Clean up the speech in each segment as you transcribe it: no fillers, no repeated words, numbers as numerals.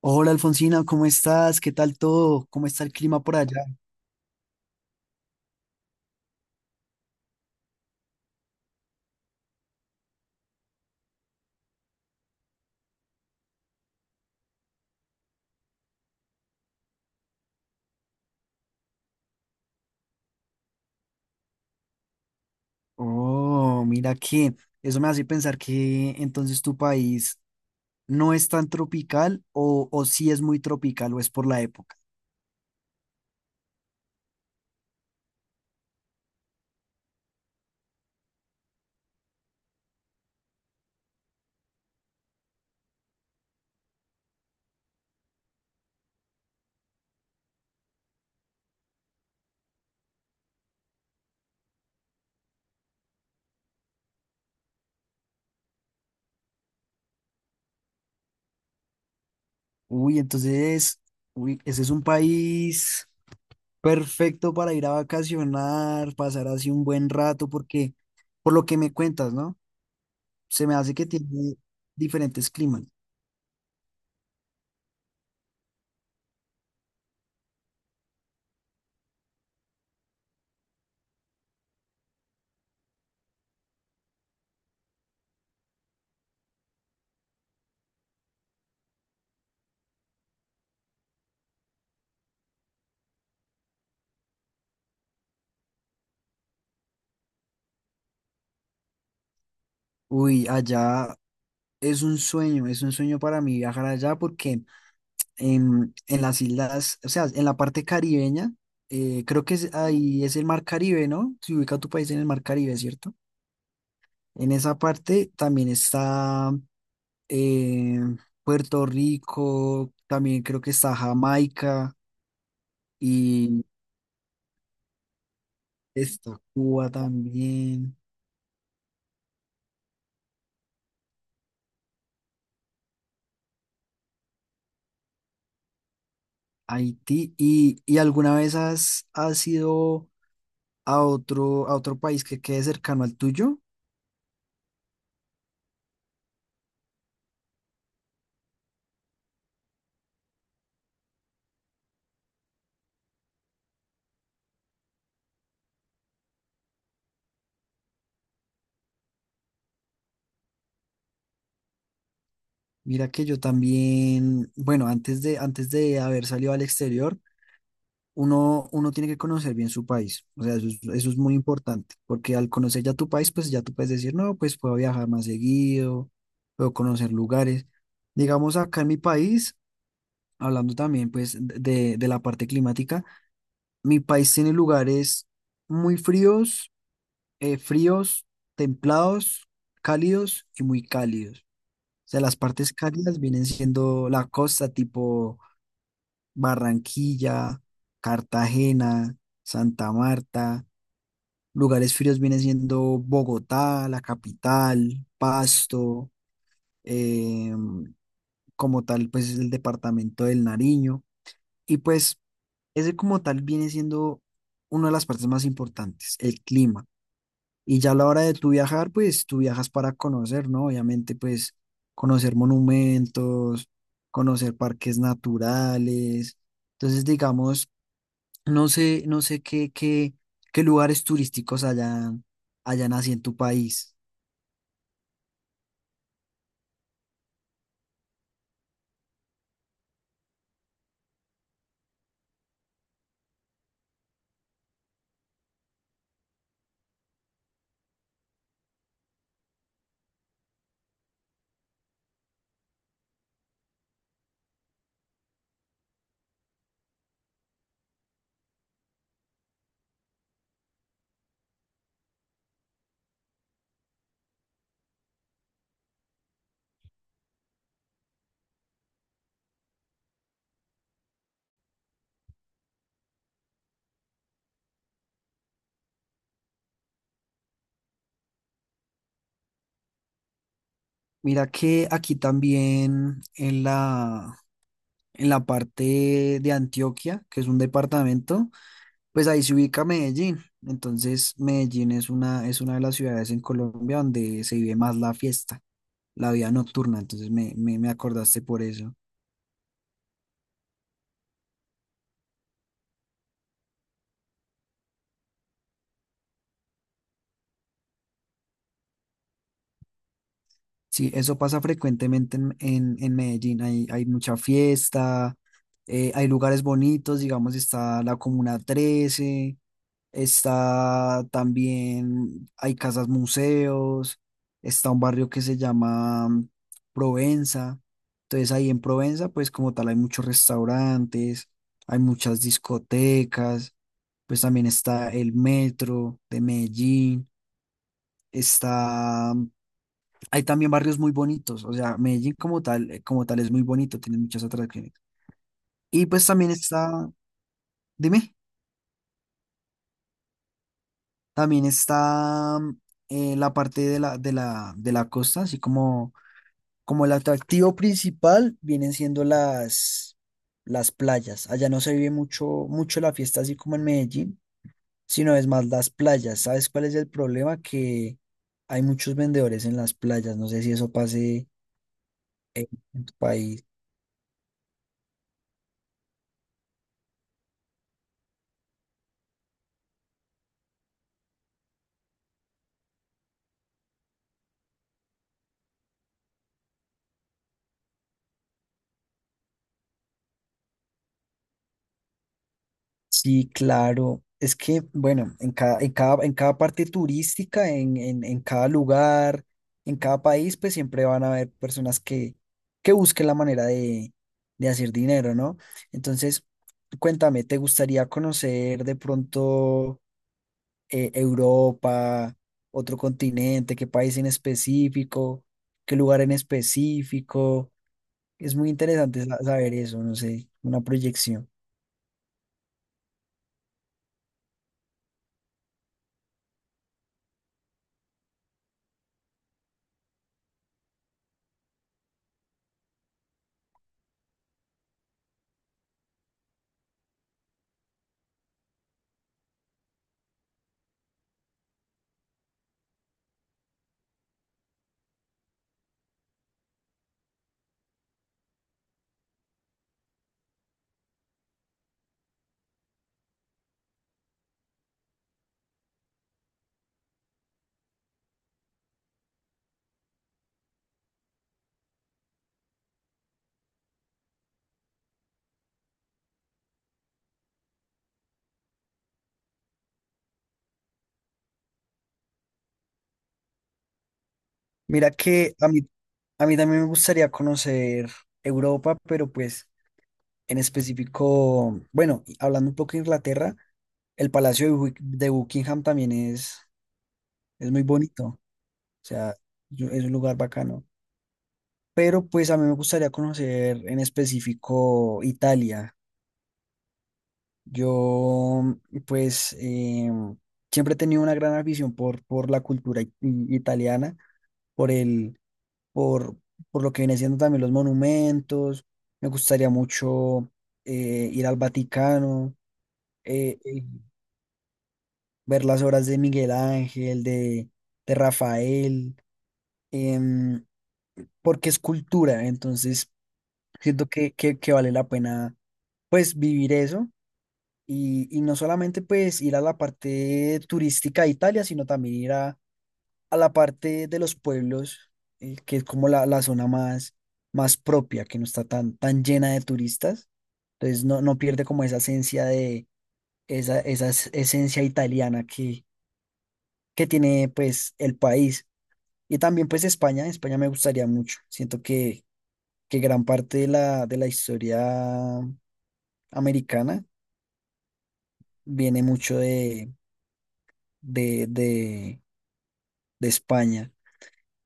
Hola Alfonsina, ¿cómo estás? ¿Qué tal todo? ¿Cómo está el clima por allá? Oh, mira que eso me hace pensar que entonces tu país no es tan tropical o sí es muy tropical o es por la época. Uy, entonces, uy, ese es un país perfecto para ir a vacacionar, pasar así un buen rato, porque por lo que me cuentas, ¿no? Se me hace que tiene diferentes climas. Uy, allá es un sueño para mí viajar allá porque en las islas, o sea, en la parte caribeña, creo que ahí es el mar Caribe, ¿no? Se ubica tu país en el mar Caribe, ¿cierto? En esa parte también está eh, Puerto Rico, también creo que está Jamaica y está Cuba también, Haití. ¿Y alguna vez has ido a otro país que quede cercano al tuyo? Mira que yo también, bueno, antes de haber salido al exterior, uno tiene que conocer bien su país. O sea, eso es muy importante, porque al conocer ya tu país, pues ya tú puedes decir, no, pues puedo viajar más seguido, puedo conocer lugares. Digamos, acá en mi país, hablando también pues de la parte climática, mi país tiene lugares muy fríos, fríos, templados, cálidos y muy cálidos. O sea, las partes cálidas vienen siendo la costa tipo Barranquilla, Cartagena, Santa Marta, lugares fríos viene siendo Bogotá, la capital, Pasto, eh, como tal, pues es el departamento del Nariño. Y pues ese como tal viene siendo una de las partes más importantes, el clima. Y ya a la hora de tu viajar, pues tú viajas para conocer, ¿no? Obviamente, pues conocer monumentos, conocer parques naturales. Entonces, digamos no sé, no sé qué lugares turísticos hayan así en tu país. Mira que aquí también en la parte de Antioquia, que es un departamento, pues ahí se ubica Medellín. Entonces, Medellín es una de las ciudades en Colombia donde se vive más la fiesta, la vida nocturna. Entonces, me acordaste por eso. Sí, eso pasa frecuentemente en Medellín. Hay mucha fiesta, hay lugares bonitos, digamos, está la Comuna Trece, está también, hay casas museos, está un barrio que se llama Provenza. Entonces ahí en Provenza, pues como tal, hay muchos restaurantes, hay muchas discotecas, pues también está el metro de Medellín, está hay también barrios muy bonitos, o sea, Medellín como tal es muy bonito, tiene muchas atracciones. Y pues también está, dime, también está la parte de la costa, así como, como el atractivo principal vienen siendo las playas. Allá no se vive mucho, mucho la fiesta así como en Medellín, sino es más las playas. ¿Sabes cuál es el problema? Que hay muchos vendedores en las playas, no sé si eso pase en tu país. Sí, claro. Es que, bueno, en cada parte turística, en cada lugar, en cada país, pues siempre van a haber personas que busquen la manera de hacer dinero, ¿no? Entonces, cuéntame, ¿te gustaría conocer de pronto Europa, otro continente, qué país en específico, qué lugar en específico? Es muy interesante saber eso, no sé, una proyección. Mira que a mí, a mí también me gustaría conocer Europa, pero pues en específico, bueno, y hablando un poco de Inglaterra, el Palacio de Buckingham también es muy bonito, o sea, es un lugar bacano. Pero pues a mí me gustaría conocer en específico Italia. Yo pues siempre he tenido una gran afición por la cultura italiana. por el, por, por lo que viene siendo también los monumentos. Me gustaría mucho ir al Vaticano, eh, eh, ver las obras de Miguel Ángel, de Rafael, em, porque es cultura, entonces siento que, que vale la pena pues vivir eso. Y no solamente pues ir a la parte turística de Italia, sino también ir a la parte de los pueblos, que es como la zona más, más propia, que no está tan, tan llena de turistas. Entonces no, no pierde como esa esencia de esa, esencia italiana que tiene pues el país. Y también pues España, España me gustaría mucho. Siento que gran parte de de la historia americana viene mucho de, de, de España.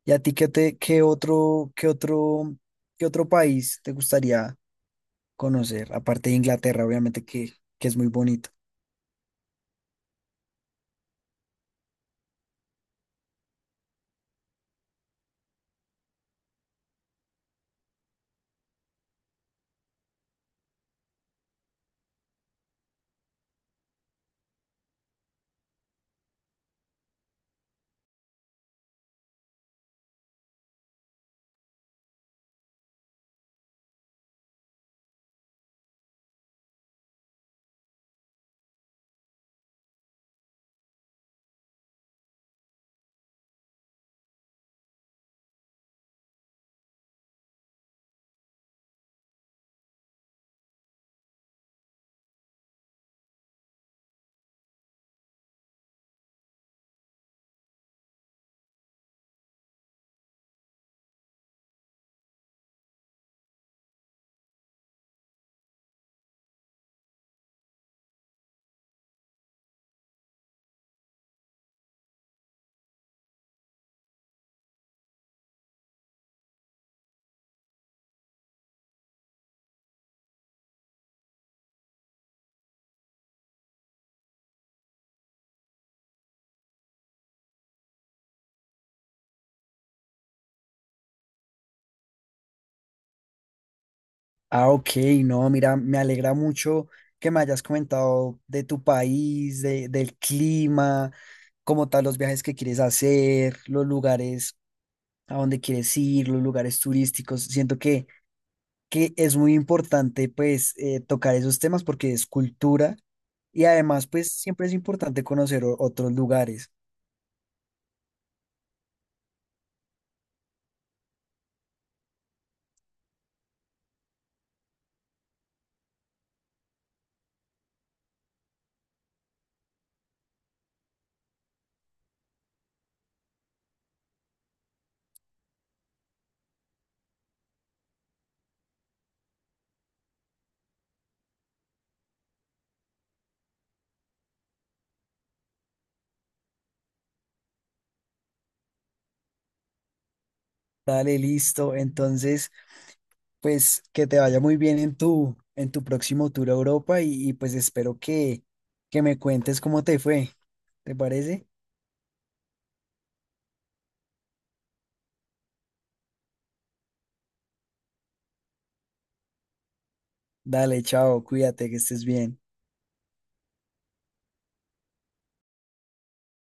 ¿Y a ti qué te, qué otro país te gustaría conocer? Aparte de Inglaterra, obviamente que es muy bonito. Ah, ok, no, mira, me alegra mucho que me hayas comentado de tu país, de- del clima, como tal, los viajes que quieres hacer, los lugares a donde quieres ir, los lugares turísticos. Siento que es muy importante, pues, tocar esos temas porque es cultura y además, pues, siempre es importante conocer otros lugares. Dale, listo. Entonces, pues que te vaya muy bien en tu próximo tour a Europa y, pues espero que me cuentes cómo te fue. ¿Te parece? Dale, chao, cuídate, que estés bien.